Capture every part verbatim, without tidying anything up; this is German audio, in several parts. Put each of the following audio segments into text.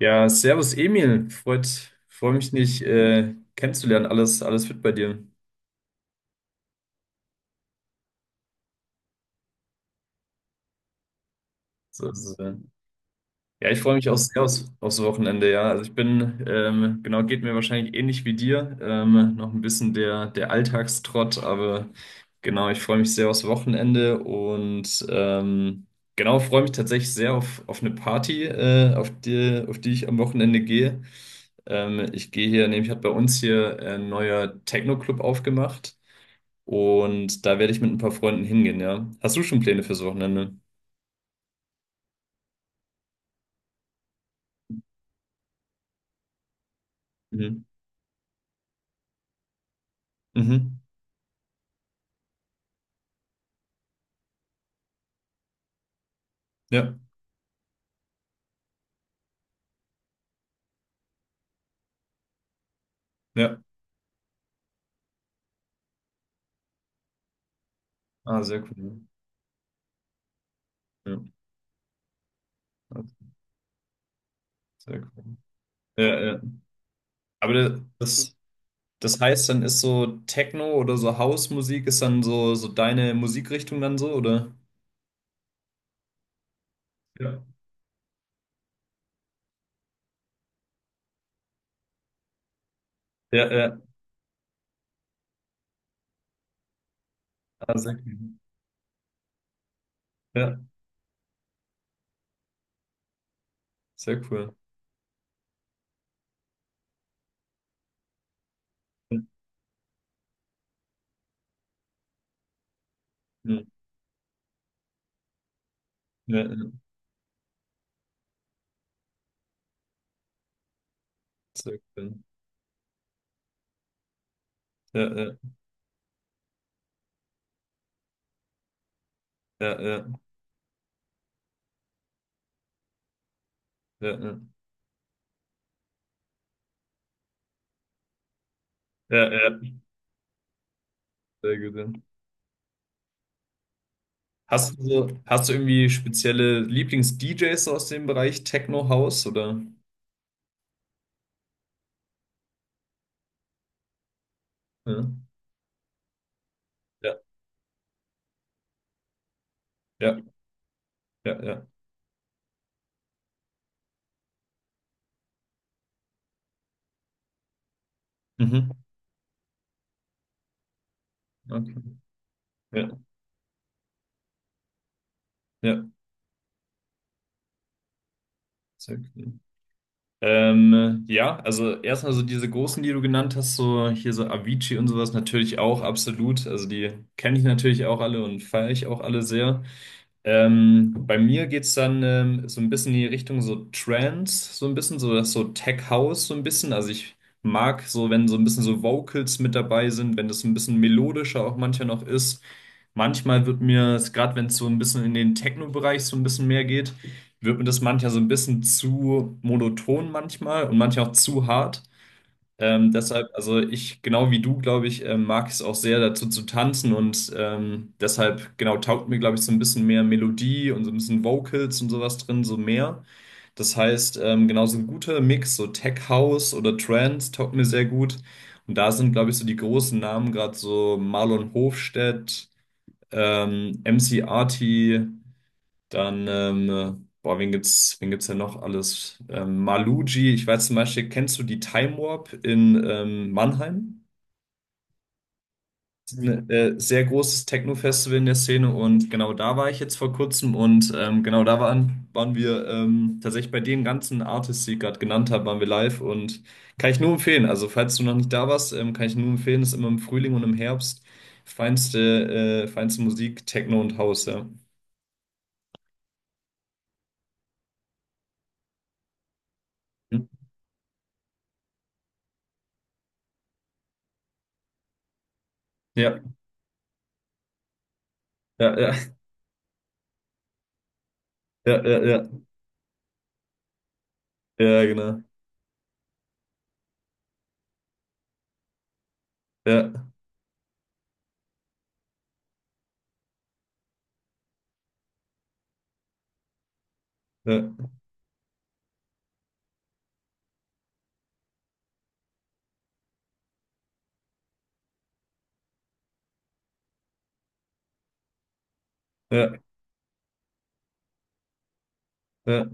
Ja, servus Emil, freut, freue mich nicht äh, kennenzulernen. Alles, alles fit bei dir? So, so, äh, ja, ich freue mich auch sehr aufs, aufs Wochenende, ja. Also ich bin, ähm, genau, geht mir wahrscheinlich ähnlich wie dir. Ähm, noch ein bisschen der, der Alltagstrott, aber genau, ich freue mich sehr aufs Wochenende und ähm, genau, freue mich tatsächlich sehr auf, auf eine Party, äh, auf die, auf die ich am Wochenende gehe. Ähm, ich gehe hier, nämlich hat bei uns hier ein neuer Techno-Club aufgemacht. Und da werde ich mit ein paar Freunden hingehen, ja. Hast du schon Pläne fürs Wochenende? Mhm. Mhm. Ja, ja. Ah, sehr cool. Ja, also, sehr cool. Ja, ja. Aber da- das, das heißt, dann ist so Techno oder so House-Musik ist dann so, so deine Musikrichtung dann so, oder? Ja. Ja, ja. Ah, sehr cool. Ja, sehr cool. Ja, ja, ja. Sehr cool. Ja, ja, ja, ja, ja, ja, ja, ja. Sehr gut, ja. Hast du, so- hast du irgendwie spezielle Lieblings-D Js aus dem Bereich Techno House oder? Ja, ja, ja, ja, ja. Mhm. Okay. Ja, ja, sehr cool. Ähm, ja, also erstmal so diese großen, die du genannt hast, so hier so Avicii und sowas natürlich auch absolut. Also die kenne ich natürlich auch alle und feiere ich auch alle sehr. Ähm, bei mir geht's dann ähm, so ein bisschen in die Richtung so Trance, so ein bisschen, so das so Tech House, so ein bisschen. Also ich mag so, wenn so ein bisschen so Vocals mit dabei sind, wenn das ein bisschen melodischer auch manchmal noch ist. Manchmal wird mir, gerade wenn es so ein bisschen in den Techno-Bereich so ein bisschen mehr geht, wird mir das manchmal so ein bisschen zu monoton manchmal und manchmal auch zu hart. Ähm, deshalb, also ich, genau wie du, glaube ich, ähm, mag es auch sehr dazu zu tanzen und ähm, deshalb, genau, taugt mir, glaube ich, so ein bisschen mehr Melodie und so ein bisschen Vocals und sowas drin, so mehr. Das heißt, ähm, genau so ein guter Mix, so Tech House oder Trance taugt mir sehr gut. Und da sind, glaube ich, so die großen Namen, gerade so Marlon Hofstedt, ähm, M C Arty, dann, ähm, boah, wen gibt's, wen gibt's denn noch alles? Ähm, Maluji, ich weiß zum Beispiel, kennst du die Time Warp in ähm, Mannheim? Das ist Nee. Ein äh, sehr großes Techno-Festival in der Szene und genau da war ich jetzt vor kurzem und ähm, genau da waren, waren wir ähm, tatsächlich bei den ganzen Artists, die ich gerade genannt habe, waren wir live und kann ich nur empfehlen. Also falls du noch nicht da warst, ähm, kann ich nur empfehlen, ist immer im Frühling und im Herbst feinste, äh, feinste Musik, Techno und House, ja. Hm? Ja, ja, ja, ja, ja, ja. Ja, genau. Ja, ja, ja, ja,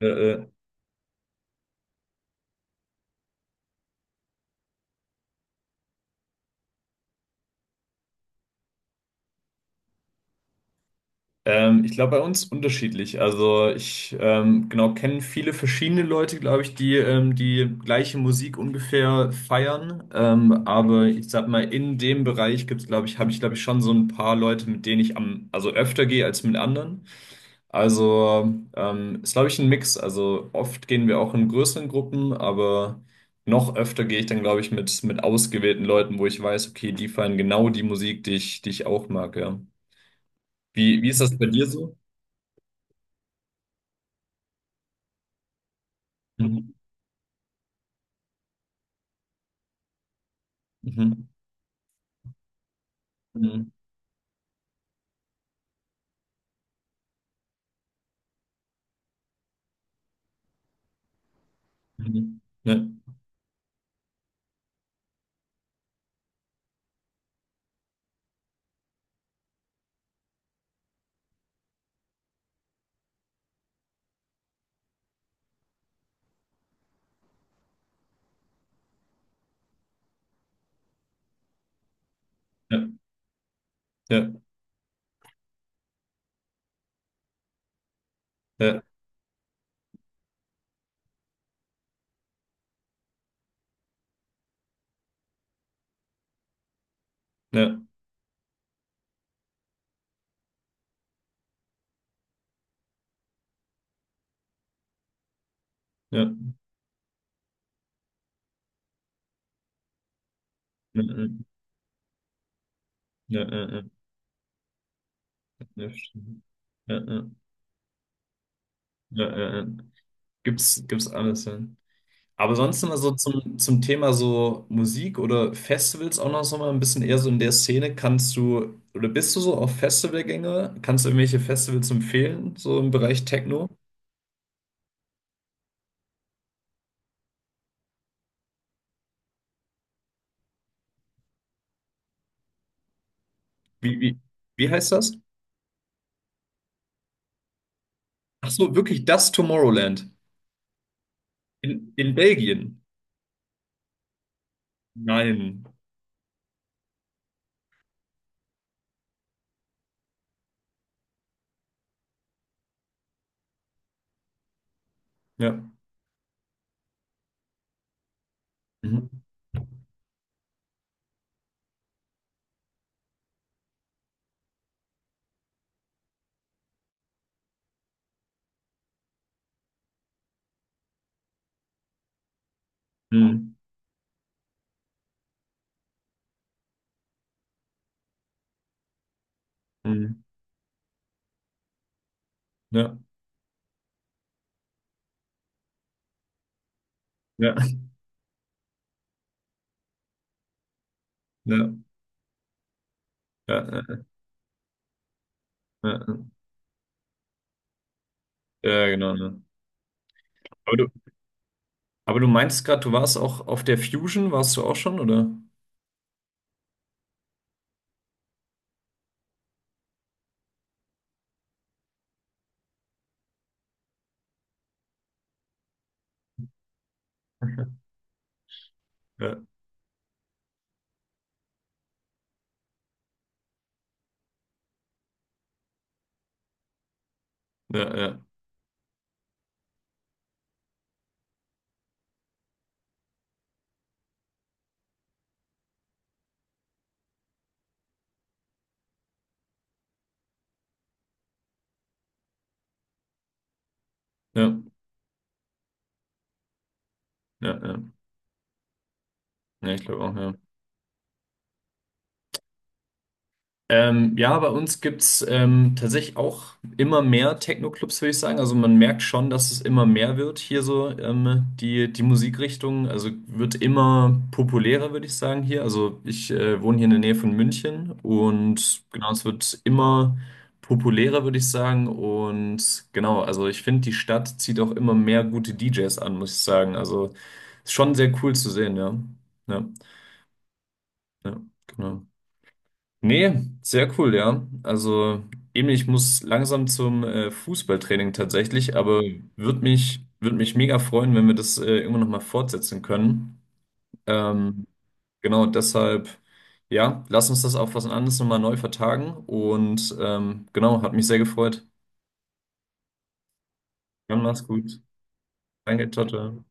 ja, ja. Ähm, ich glaube, bei uns unterschiedlich. Also ich ähm, genau kenne viele verschiedene Leute, glaube ich, die ähm, die gleiche Musik ungefähr feiern. Ähm, aber ich sag mal, in dem Bereich gibt's, glaube ich, habe ich, glaube ich, schon so ein paar Leute, mit denen ich am, also öfter gehe als mit anderen. Also ähm, ist, glaube ich, ein Mix. Also oft gehen wir auch in größeren Gruppen, aber noch öfter gehe ich dann, glaube ich, mit, mit ausgewählten Leuten, wo ich weiß, okay, die feiern genau die Musik, die ich, die ich auch mag, ja. Wie, wie ist das bei dir so? Mhm. Mhm. Mhm. Mhm. Ja, ja, ja, ja, ja, ja, ja, ja, ja, ja, ja, ja, ja, ja, ja, ja, ja, ja. Gibt's, gibt's alles, ja. Aber sonst immer so zum, zum Thema so Musik oder Festivals auch noch so mal ein bisschen eher so in der Szene. Kannst du oder bist du so auf Festivalgänge? Kannst du irgendwelche Festivals empfehlen, so im Bereich Techno? Wie, wie, wie heißt das? Ach so, wirklich das Tomorrowland in, in Belgien? Nein. Ja. Mhm. Mhm. Mhm. Ja. Ja. Ja. Ja. Ja. Ja. Ja, genau, ne. Aber du, aber du meinst gerade, du warst auch auf der Fusion, warst du auch schon, oder? Ja, ja, ja. Ja, ja, ja. Ja, ich glaube auch, ja. Ähm, ja, bei uns gibt's ähm, tatsächlich auch immer mehr Techno-Clubs, würde ich sagen. Also man merkt schon, dass es immer mehr wird hier so, ähm, die, die Musikrichtung. Also wird immer populärer, würde ich sagen, hier. Also ich äh, wohne hier in der Nähe von München und genau, es wird immer populärer, würde ich sagen. Und genau, also ich finde, die Stadt zieht auch immer mehr gute D Js an, muss ich sagen. Also ist schon sehr cool zu sehen, ja. Ja, ja, genau. Nee, sehr cool, ja. Also eben, ich muss langsam zum äh, Fußballtraining tatsächlich, aber würde mich, würd mich mega freuen, wenn wir das äh, irgendwann nochmal fortsetzen können. Ähm, genau, deshalb, ja, lass uns das auf was anderes nochmal neu vertagen und ähm, genau, hat mich sehr gefreut. Dann mach's gut. Danke, ciao, ciao.